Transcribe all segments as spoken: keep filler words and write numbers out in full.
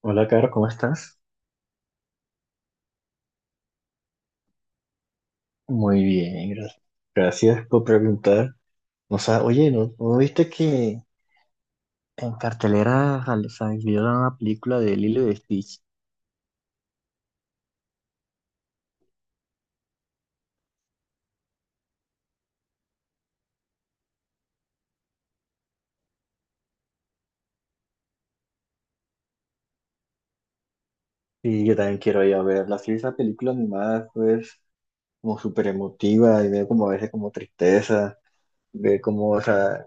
Hola, Caro, ¿cómo estás? Muy bien, gracias. Gracias por preguntar. O sea, oye, ¿no, no viste que en cartelera sal- salió una película de Lilo y Stitch? Y yo también quiero ir a verla. Sí, esa película animada es como súper emotiva y veo como a veces como tristeza, ve como, o sea,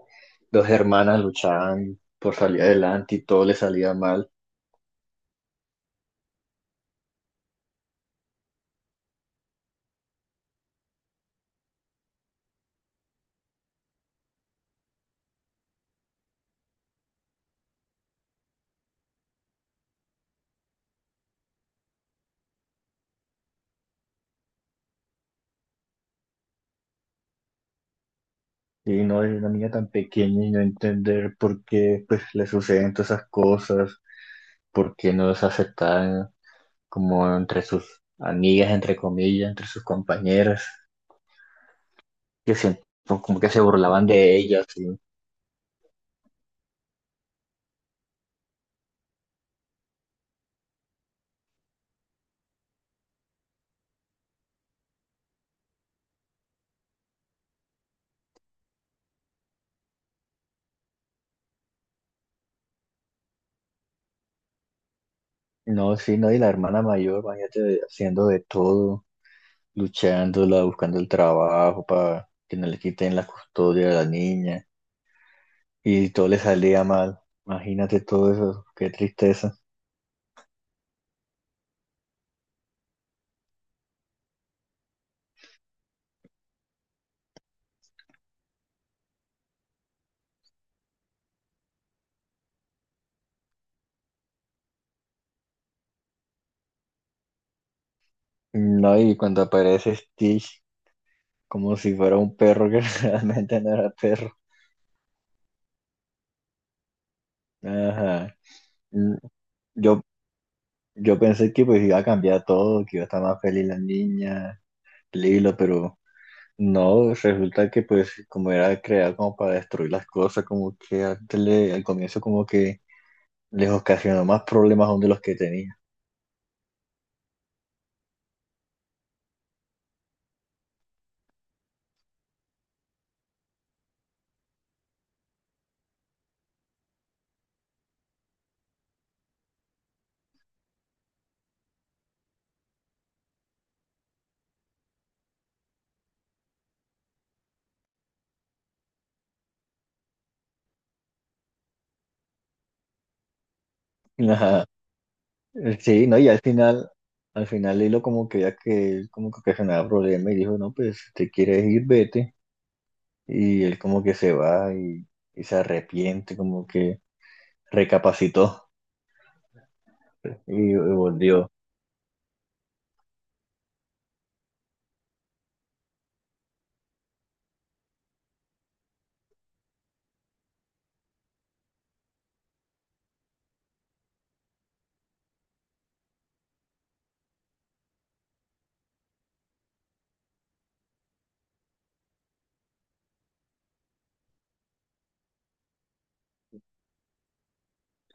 dos hermanas luchaban por salir adelante y todo le salía mal. Y no es una niña tan pequeña y no entender por qué pues le suceden todas esas cosas, por qué no es aceptada como entre sus amigas, entre comillas, entre sus compañeras, que siento como que se burlaban de ella, sí. No, sí, no, y la hermana mayor, imagínate, haciendo de todo, luchándola, buscando el trabajo para que no le quiten la custodia de la niña, y todo le salía mal. Imagínate todo eso, qué tristeza. No, y cuando aparece Stitch, como si fuera un perro que realmente no era perro. Ajá. Mm, Yo Yo pensé que pues iba a cambiar todo, que iba a estar más feliz la niña, Lilo, pero no, resulta que pues como era creada como para destruir las cosas, como que antes le- al comienzo como que les ocasionó más problemas aún de los que tenía. Ajá. Sí, no, y al final, al final Lilo como que ya que él como que ocasionaba problemas y dijo, no, pues si te quieres ir, vete. Y él como que se va y, y se arrepiente, como que recapacitó y volvió.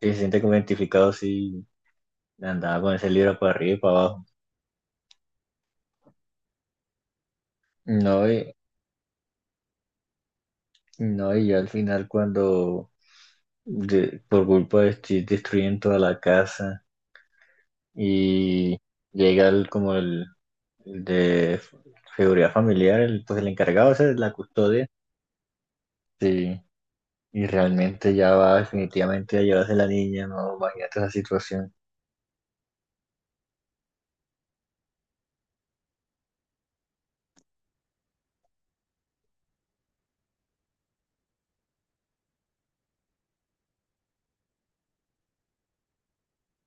Y se siente como identificado así. Andaba con ese libro para arriba y para abajo. No, y, no, y ya al final cuando de- por culpa de Steve destruyen toda la casa y llega el, como el, el de seguridad familiar, el, pues el encargado ese de la custodia, sí, y realmente ya va definitivamente a llevarse la niña, no, imagínate esa situación.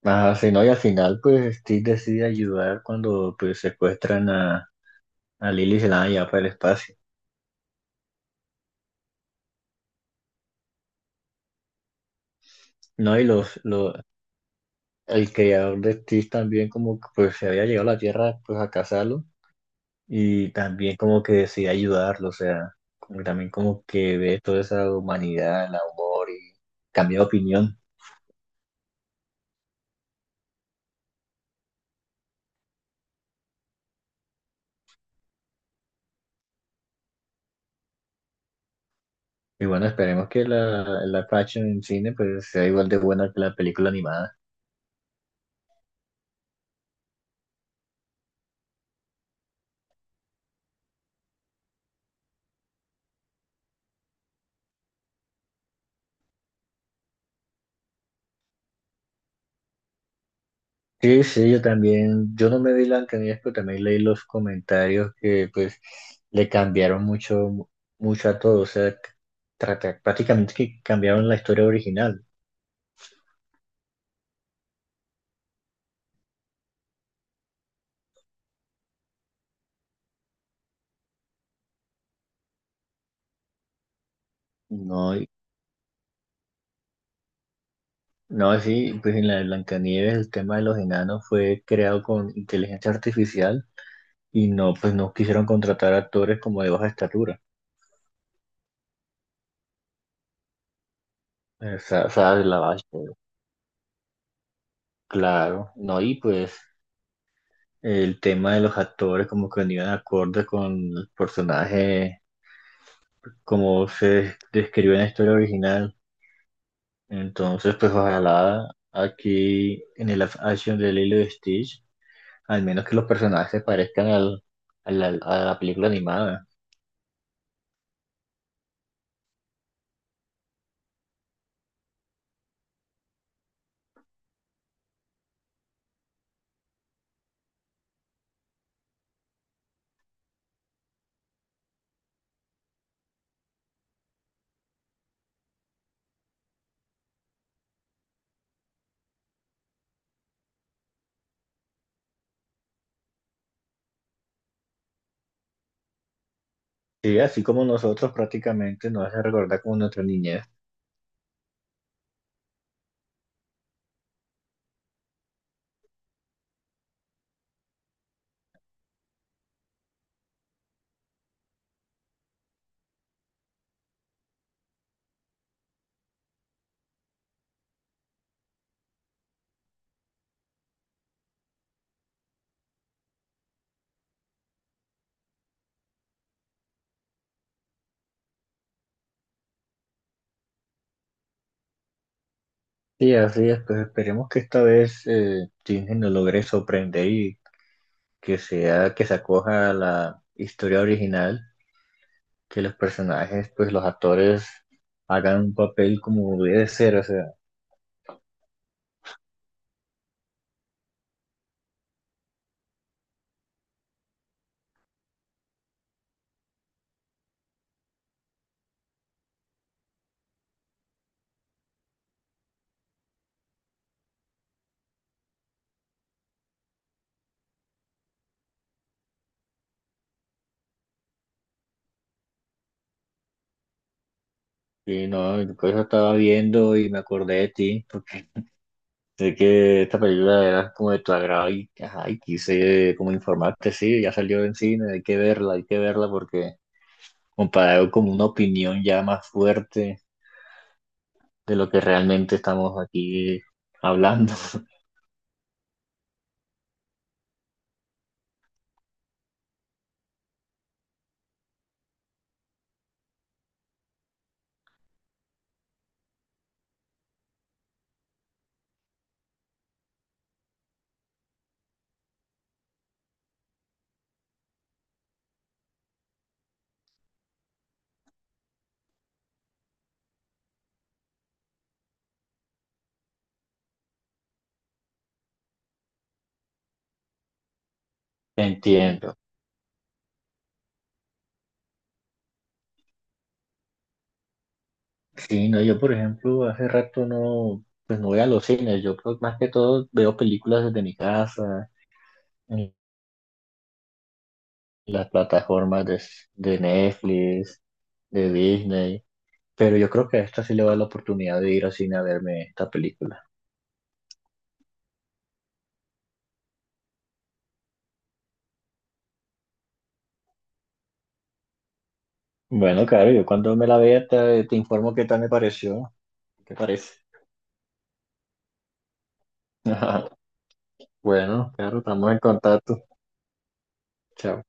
Ajá, sí, no, y al final pues Steve decide ayudar cuando pues secuestran a, a Lily y se la van a llevar para el espacio. No, y los, los, el creador de Stitch también como que pues se había llegado a la Tierra pues a cazarlo y también como que decide ayudarlo, o sea, como que también como que ve toda esa humanidad, el amor y cambia de opinión. Y bueno, esperemos que la, la fashion en cine pues sea igual de buena que la película animada. Sí, sí, yo también, yo no me vi Blancanieves, pero también leí los comentarios que pues le cambiaron mucho, mucho a todo, o sea, trata- prácticamente que cambiaron la historia original. No, no, sí, pues en la de Blancanieves el tema de los enanos fue creado con inteligencia artificial y no, pues no quisieron contratar actores como de baja estatura. O sea, o sea, de la base, pues, claro, no, y pues el tema de los actores como que venían acorde con el personaje, como se describió en la historia original. Entonces, pues ojalá aquí en el live action de Lilo y Stitch, al menos que los personajes se parezcan al, al- al- a la película animada. Sí, así como nosotros prácticamente nos hace recordar como nuestra niñez. Sí, así es, pues esperemos que esta vez eh, Disney nos logre sorprender y que sea, que se acoja a la historia original, que los personajes, pues los actores hagan un papel como debe ser, o sea, y no, por eso estaba viendo y me acordé de ti, porque sé que esta película era como de tu agrado y, ajá, y quise como informarte, sí, ya salió en cine, hay que verla, hay que verla porque comparado con una opinión ya más fuerte de lo que realmente estamos aquí hablando. Entiendo. Sí, no, yo por ejemplo hace rato no, pues no voy a los cines, yo creo que más que todo veo películas desde mi casa, en las plataformas de, de Netflix, de Disney, pero yo creo que a esta sí le va la oportunidad de ir al cine a verme esta película. Bueno, claro, yo cuando me la vea te, te informo qué tal me pareció, qué parece. Bueno, claro, estamos en contacto. Chao.